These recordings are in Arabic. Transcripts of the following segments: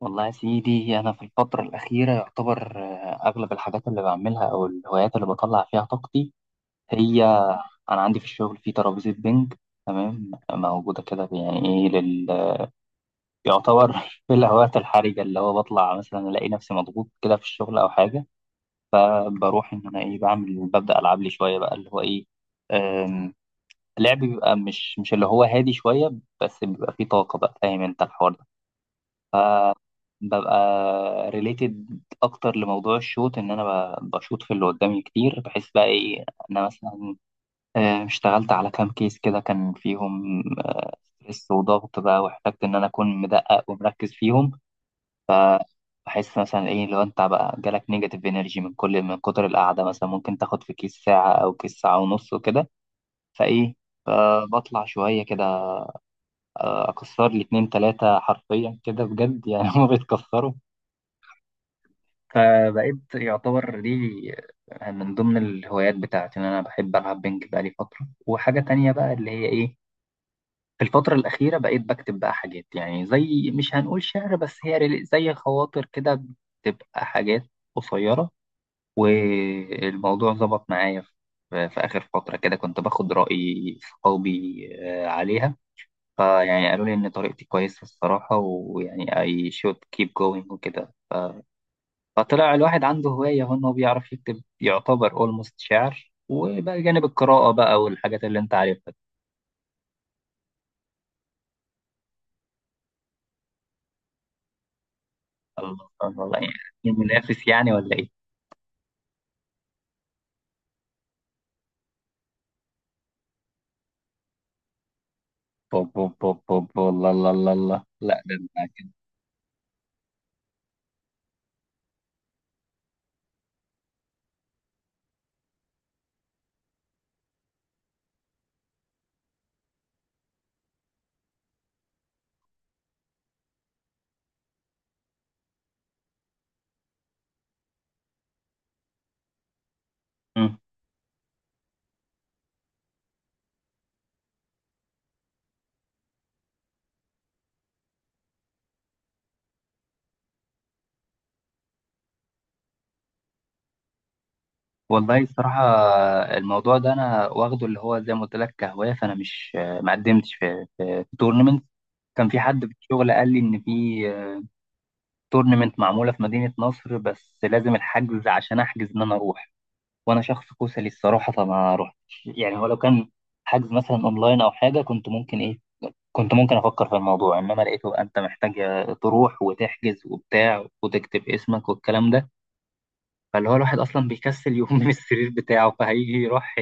والله يا سيدي، أنا في الفترة الأخيرة يعتبر أغلب الحاجات اللي بعملها أو الهوايات اللي بطلع فيها طاقتي هي أنا عندي في الشغل في ترابيزة بينج، تمام، موجودة كده يعني. إيه يعتبر في الهوايات الحرجة، اللي هو بطلع، مثلا ألاقي نفسي مضغوط كده في الشغل أو حاجة. فبروح إن أنا إيه بعمل، ببدأ ألعب لي شوية بقى اللي هو إيه. أم... لعب بيبقى، مش اللي هو هادي شوية، بس بيبقى فيه طاقة بقى. فاهم أنت الحوار ده؟ ببقى ريليتد اكتر لموضوع الشوت، ان انا بشوط في اللي قدامي كتير. بحس بقى ايه، انا مثلا اشتغلت على كام كيس كده كان فيهم ستريس وضغط بقى، واحتجت ان انا اكون مدقق ومركز فيهم. بحس مثلا ايه، لو انت بقى جالك نيجاتيف انرجي من كل، من كتر القعده مثلا، ممكن تاخد في كيس ساعه او كيس ساعه ونص وكده. فايه، بطلع شويه كده. اكسر لي اتنين تلاته حرفيا كده بجد يعني. هما بيتكسروا. فبقيت يعتبر لي من ضمن الهوايات بتاعتي إن أنا بحب ألعب بينج بقالي فترة. وحاجة تانية بقى اللي هي إيه، في الفترة الأخيرة بقيت بكتب بقى حاجات، يعني زي مش هنقول شعر، بس هي زي خواطر كده. بتبقى حاجات قصيرة، والموضوع ظبط معايا في آخر فترة كده، كنت باخد رأي صحابي عليها. فيعني قالوا لي إن طريقتي كويسة الصراحة، ويعني I should keep going وكده. فطلع الواحد عنده هواية، هو إن هو بيعرف يكتب، يعتبر أولموست شعر، وبقى جانب القراءة بقى والحاجات اللي أنت عارفها دي. الله الله الله، يعني منافس يعني ولا إيه؟ بوب بوب بوب بوب، والله. الله الله الله لا ده أنا كده. مم. والله الصراحة، الموضوع ده أنا واخده اللي هو زي ما قلت لك كهواية. فأنا مش، ما قدمتش في، في تورنمنت. كان في حد في الشغل قال لي إن في تورنمنت معمولة في مدينة نصر، بس لازم الحجز عشان أحجز إن أنا أروح. وانا شخص كسلي الصراحه، فما رحتش يعني. هو لو كان حجز مثلا اونلاين او حاجه، كنت ممكن ايه، كنت ممكن افكر في الموضوع. انما لقيته انت محتاج تروح وتحجز وبتاع وتكتب اسمك والكلام ده. فاللي هو الواحد اصلا بيكسل يقوم من السرير بتاعه، فهيجي يروح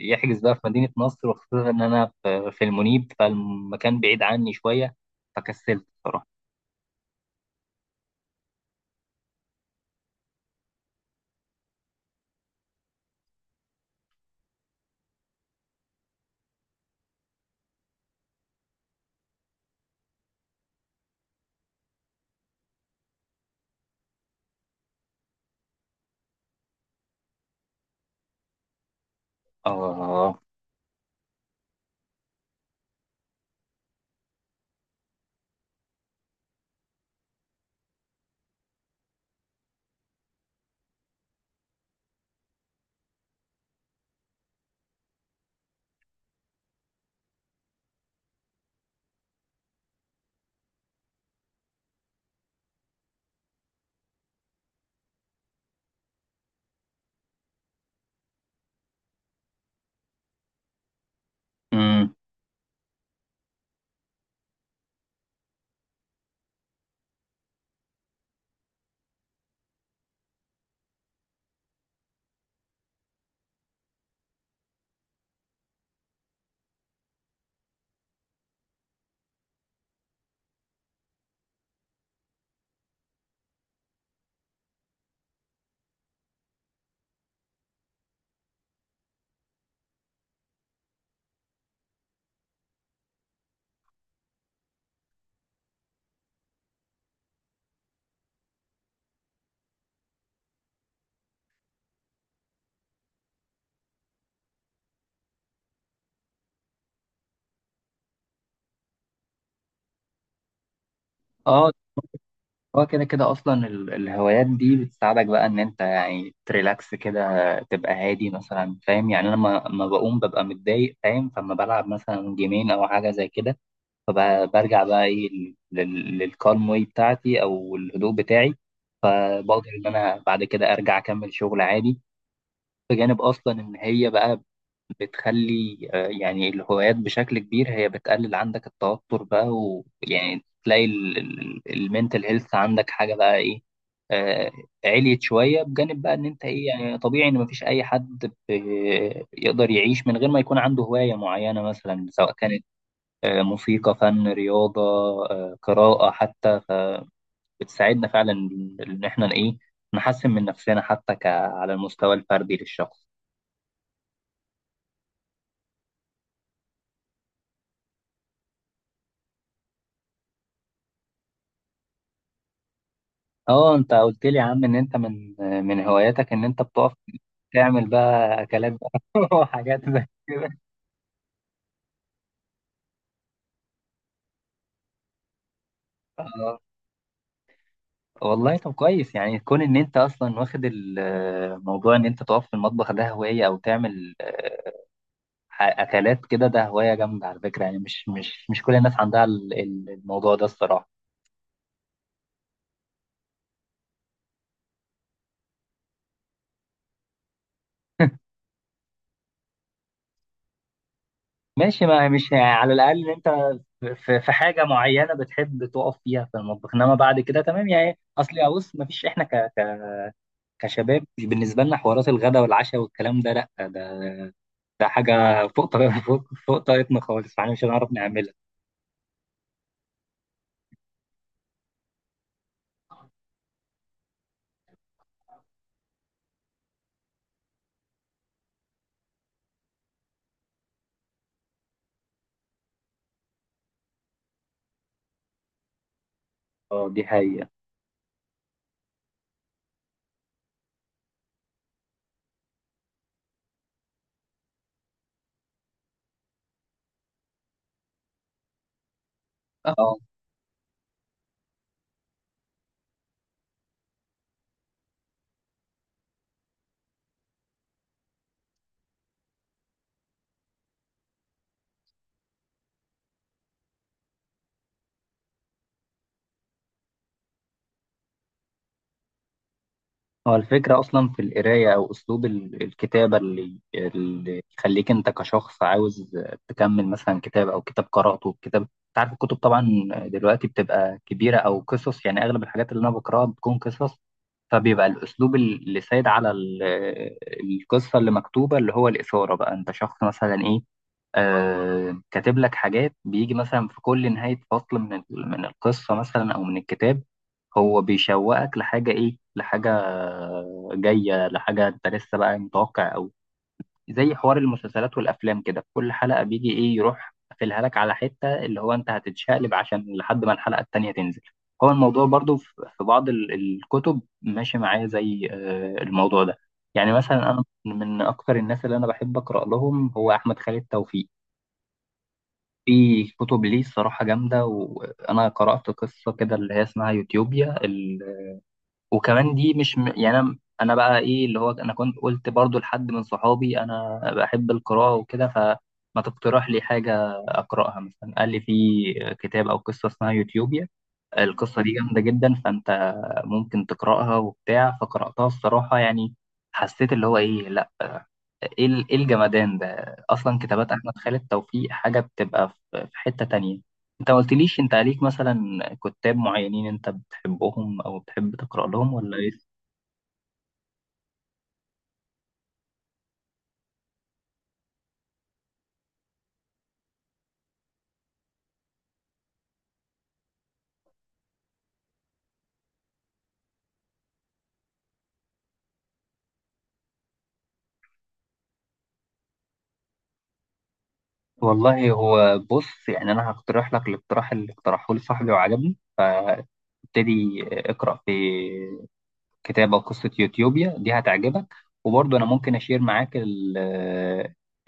يحجز بقى في مدينه نصر؟ وخصوصا ان انا في المنيب، فالمكان بعيد عني شويه، فكسلت الصراحه. اه. امم. اه. هو كده كده اصلا الهوايات دي بتساعدك بقى ان انت يعني تريلاكس كده، تبقى هادي مثلا. فاهم؟ يعني انا لما بقوم ببقى متضايق، فاهم؟ فما بلعب مثلا جيمين او حاجه زي كده. فبرجع بقى ايه، للكالم واي بتاعتي او الهدوء بتاعي. فبقدر ان انا بعد كده ارجع اكمل شغل عادي. بجانب اصلا ان هي بقى بتخلي، يعني الهوايات بشكل كبير هي بتقلل عندك التوتر بقى، ويعني تلاقي المينتال هيلث عندك حاجة بقى ايه، آه، عليت شوية. بجانب بقى ان انت ايه، يعني طبيعي ان مفيش اي حد يقدر يعيش من غير ما يكون عنده هواية معينة، مثلا سواء كانت موسيقى، فن، رياضة، قراءة حتى. فبتساعدنا فعلا ان احنا ايه نحسن من نفسنا، حتى على المستوى الفردي للشخص. اه، انت قلت لي يا عم ان انت من هواياتك ان انت بتقف تعمل بقى اكلات بقى، وحاجات زي كده. اه. والله طب كويس، يعني كون ان انت اصلا واخد الموضوع ان انت تقف في المطبخ ده هواية، او تعمل اكلات كده، ده هواية جامدة على فكرة. يعني مش كل الناس عندها الموضوع ده الصراحة. ماشي. ما مش يعني، على الاقل ان انت في حاجة معينة بتحب تقف فيها في المطبخ، انما بعد كده تمام يعني. اصل يا بص، مفيش احنا كشباب، مش بالنسبة لنا حوارات الغداء والعشاء والكلام ده، لا ده، ده حاجة فوق طاقة، فوق طاقتنا خالص، فاحنا مش هنعرف نعملها. اه دي حقيقة. اه. هو الفكرة أصلا في القراية أو أسلوب الكتابة، اللي يخليك أنت كشخص عاوز تكمل مثلا كتاب. أو كتاب قرأته، كتاب أنت عارف، الكتب طبعا دلوقتي بتبقى كبيرة، أو قصص. يعني أغلب الحاجات اللي أنا بقرأها بتكون قصص. فبيبقى الأسلوب اللي سايد على القصة اللي مكتوبة، اللي هو الإثارة بقى. أنت شخص مثلا إيه، كاتب لك حاجات، بيجي مثلا في كل نهاية فصل من من القصة مثلا أو من الكتاب. هو بيشوقك لحاجة، إيه، لحاجة جاية، لحاجة أنت لسه بقى متوقع أوي. زي حوار المسلسلات والأفلام كده، في كل حلقة بيجي إيه، يروح قافلها لك على حتة اللي هو أنت هتتشقلب عشان لحد ما الحلقة التانية تنزل. هو الموضوع برضو في، بعض الكتب ماشي معايا زي الموضوع ده. يعني مثلا أنا من أكتر الناس اللي أنا بحب أقرأ لهم هو أحمد خالد توفيق. في كتب ليه الصراحة جامدة، وأنا قرأت قصة كده اللي هي اسمها يوتيوبيا. وكمان دي مش يعني انا بقى ايه، اللي هو انا كنت قلت برضو لحد من صحابي، انا بحب القراءة وكده، فما تقترح لي حاجة اقراها مثلا. قال لي في كتاب او قصة اسمها يوتيوبيا. القصة دي جامدة جدا، فانت ممكن تقراها وبتاع. فقراتها الصراحة يعني، حسيت اللي هو ايه، لا، ايه إيه الجمدان ده. اصلا كتابات احمد خالد توفيق حاجة بتبقى في حتة تانية. انت ما قلتليش، انت عليك مثلا كتاب معينين انت بتحبهم او بتحب تقرا لهم ولا ايه؟ والله، هو بص، يعني انا هقترح لك الاقتراح اللي اقترحه لي صاحبي وعجبني، فابتدي اقرا في كتاب او قصه يوتيوبيا دي، هتعجبك. وبرضه انا ممكن اشير معاك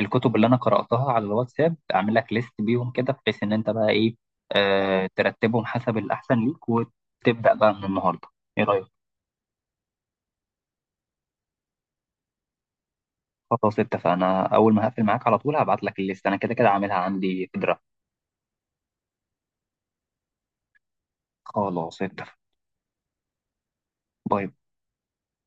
الكتب اللي انا قراتها على الواتساب، اعمل لك ليست بيهم كده، بحيث ان انت بقى ايه، ترتبهم حسب الاحسن ليك وتبدا بقى من النهارده. ايه رايك؟ خلاص، اتفقنا. اول ما هقفل معاك على طول هبعت لك الليست، انا كده كده عاملها عندي في درافت. خلاص، اتفق. باي باي.